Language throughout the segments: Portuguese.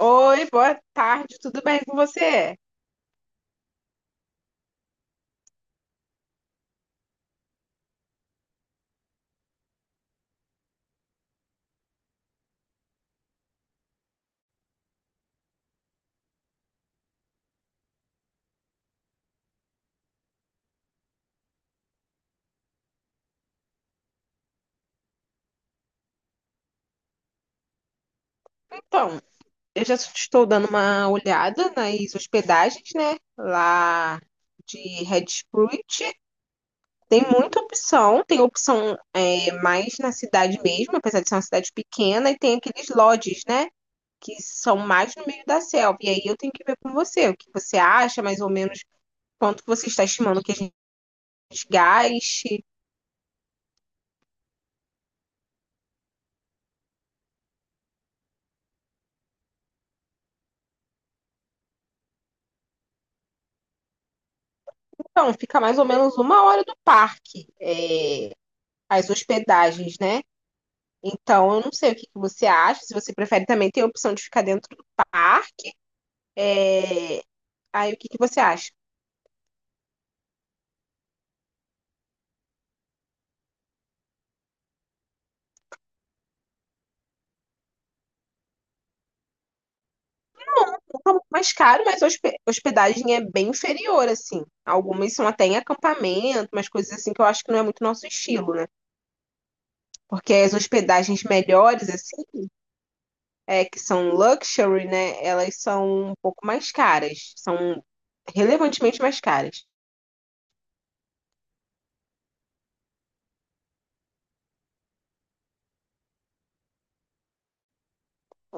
Oi, boa tarde, tudo bem com você? Então, eu já estou dando uma olhada nas hospedagens, né? Lá de Red Sprite. Tem muita opção, tem opção mais na cidade mesmo, apesar de ser uma cidade pequena, e tem aqueles lodges, né? Que são mais no meio da selva. E aí eu tenho que ver com você o que você acha, mais ou menos quanto você está estimando que a gente gaste. Então, fica mais ou menos uma hora do parque, as hospedagens, né? Então, eu não sei o que que você acha. Se você prefere, também tem a opção de ficar dentro do parque. É, Aí, o que que você acha? Um pouco mais caro, mas a hospedagem é bem inferior, assim. Algumas são até em acampamento, umas coisas assim que eu acho que não é muito nosso estilo, né? Porque as hospedagens melhores, assim, que são luxury, né? Elas são um pouco mais caras. São relevantemente mais caras.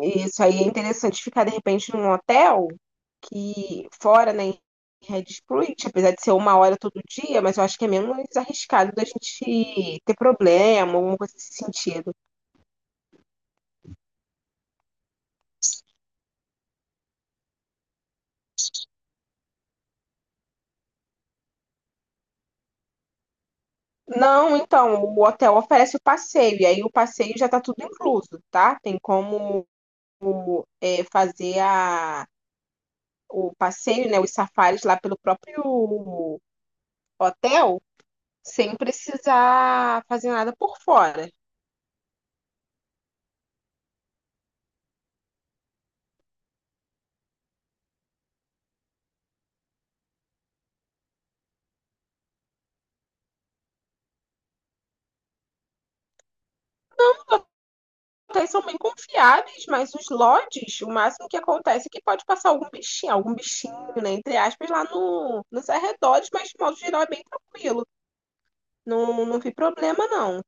Isso aí é interessante ficar, de repente, num hotel que fora, né, em Red Sprint, apesar de ser uma hora todo dia, mas eu acho que é menos arriscado da gente ter problema, alguma coisa nesse sentido. Não, então, o hotel oferece o passeio, e aí o passeio já está tudo incluso, tá? Tem como fazer o passeio, né, os safaris lá pelo próprio hotel, sem precisar fazer nada por fora. Hotéis são bem confiáveis, mas os lodges, o máximo que acontece é que pode passar algum bichinho, né, entre aspas, lá no, nos arredores, mas de modo geral é bem tranquilo. Não, não vi problema, não.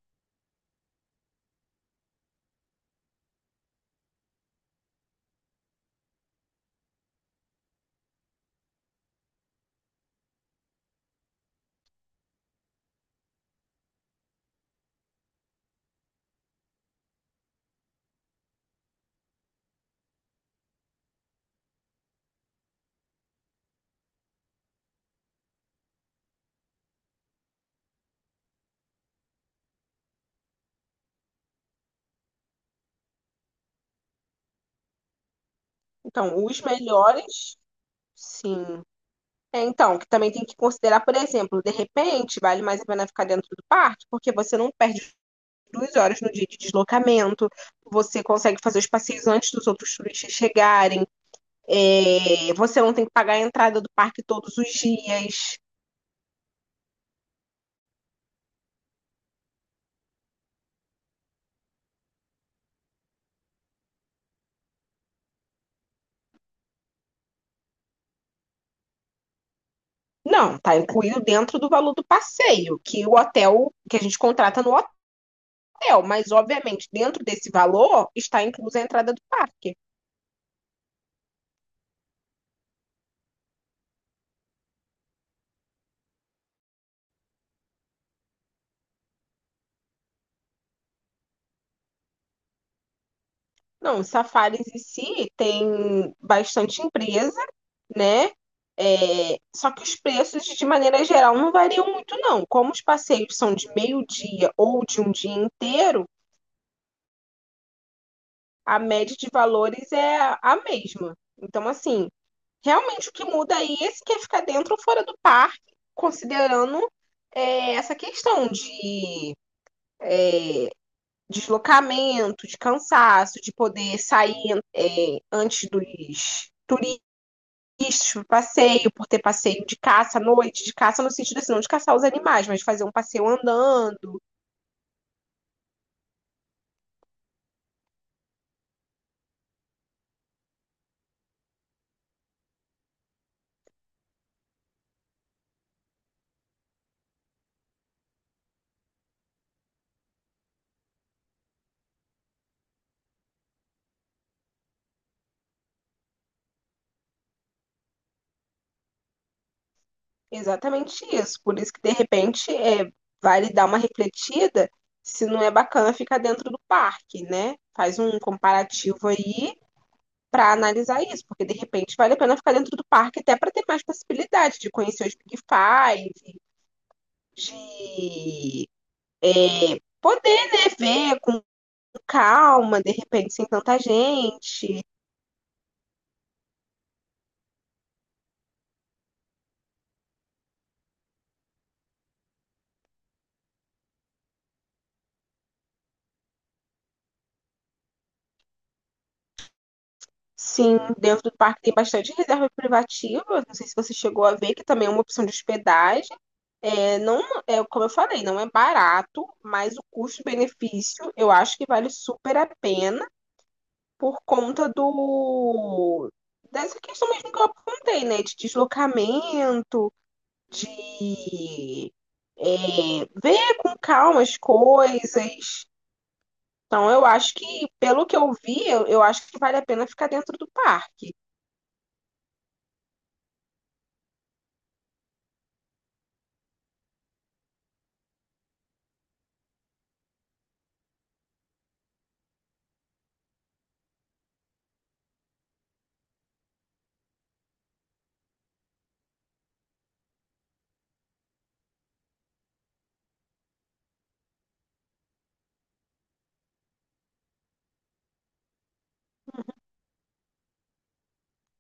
Então, os melhores, sim. É, então, que também tem que considerar, por exemplo, de repente, vale mais a pena ficar dentro do parque, porque você não perde duas horas no dia de deslocamento, você consegue fazer os passeios antes dos outros turistas chegarem, você não tem que pagar a entrada do parque todos os dias. Não, tá incluído dentro do valor do passeio, que a gente contrata no hotel, mas obviamente dentro desse valor está inclusa a entrada do parque. Não, os safaris em si tem bastante empresa, né? É, só que os preços, de maneira geral, não variam muito, não. Como os passeios são de meio-dia ou de um dia inteiro, a média de valores é a mesma. Então, assim, realmente o que muda aí é se quer ficar dentro ou fora do parque, considerando essa questão de deslocamento, de cansaço, de poder sair antes dos turistas para passeio, por ter passeio de caça à noite, de caça no sentido assim, não de caçar os animais, mas fazer um passeio andando. Exatamente isso. Por isso que de repente vale dar uma refletida se não é bacana ficar dentro do parque, né? Faz um comparativo aí para analisar isso, porque de repente vale a pena ficar dentro do parque até para ter mais possibilidade de conhecer os Big Five, de poder, né, ver com calma, de repente sem tanta gente. Sim, dentro do parque tem bastante reserva privativa. Não sei se você chegou a ver, que também é uma opção de hospedagem. É, não, é, como eu falei, não é barato, mas o custo-benefício eu acho que vale super a pena. Por conta do dessa questão mesmo que eu apontei, né? De deslocamento, de ver com calma as coisas. Então, eu acho que, pelo que eu vi, eu acho que vale a pena ficar dentro do parque.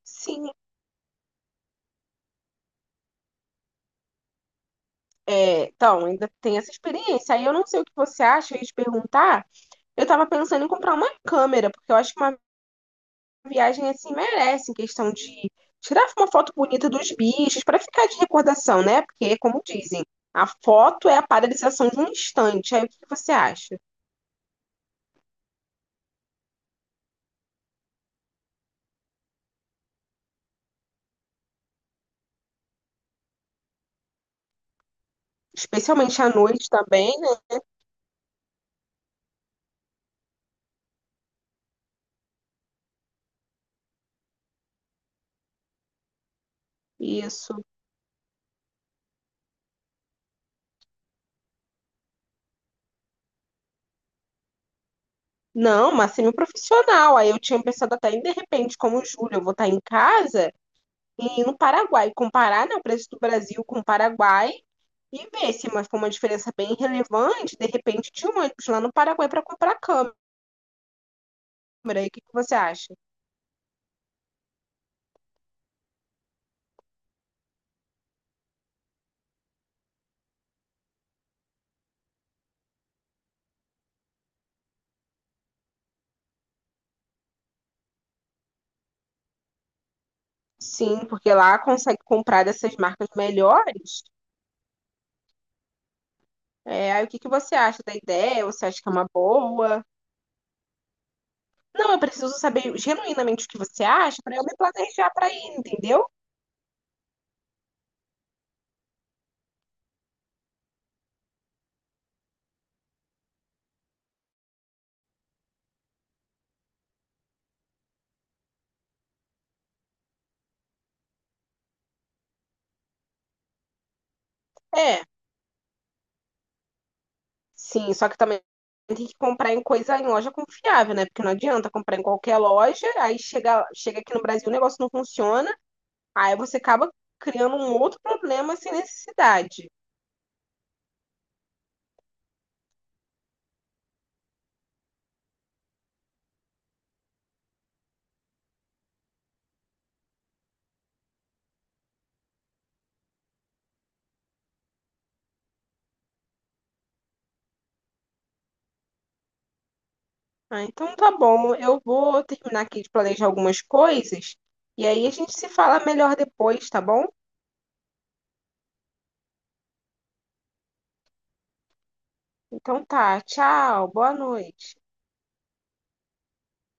Sim, é, então, ainda tem essa experiência. Aí eu não sei o que você acha, eu ia te perguntar. Eu tava pensando em comprar uma câmera, porque eu acho que uma viagem assim merece, em questão de tirar uma foto bonita dos bichos, para ficar de recordação, né? Porque, como dizem, a foto é a paralisação de um instante. Aí o que que você acha? Especialmente à noite também, né? Isso. Não, mas semi-profissional. Aí eu tinha pensado até em, de repente, como julho, eu vou estar em casa e ir no Paraguai, comparar, né, o preço do Brasil com o Paraguai e ver se mas foi uma diferença bem relevante, de repente, de um ônibus lá no Paraguai para comprar câmera. E o que que você acha? Sim, porque lá consegue comprar dessas marcas melhores. É, aí o que que você acha da ideia? Você acha que é uma boa? Não, eu preciso saber genuinamente o que você acha para eu me planejar para ir, entendeu? É, sim, só que também tem que comprar em coisa em loja confiável, né? Porque não adianta comprar em qualquer loja, aí chega aqui no Brasil o negócio não funciona, aí você acaba criando um outro problema sem necessidade. Ah, então tá bom. Eu vou terminar aqui de planejar algumas coisas e aí a gente se fala melhor depois, tá bom? Então tá. Tchau. Boa noite.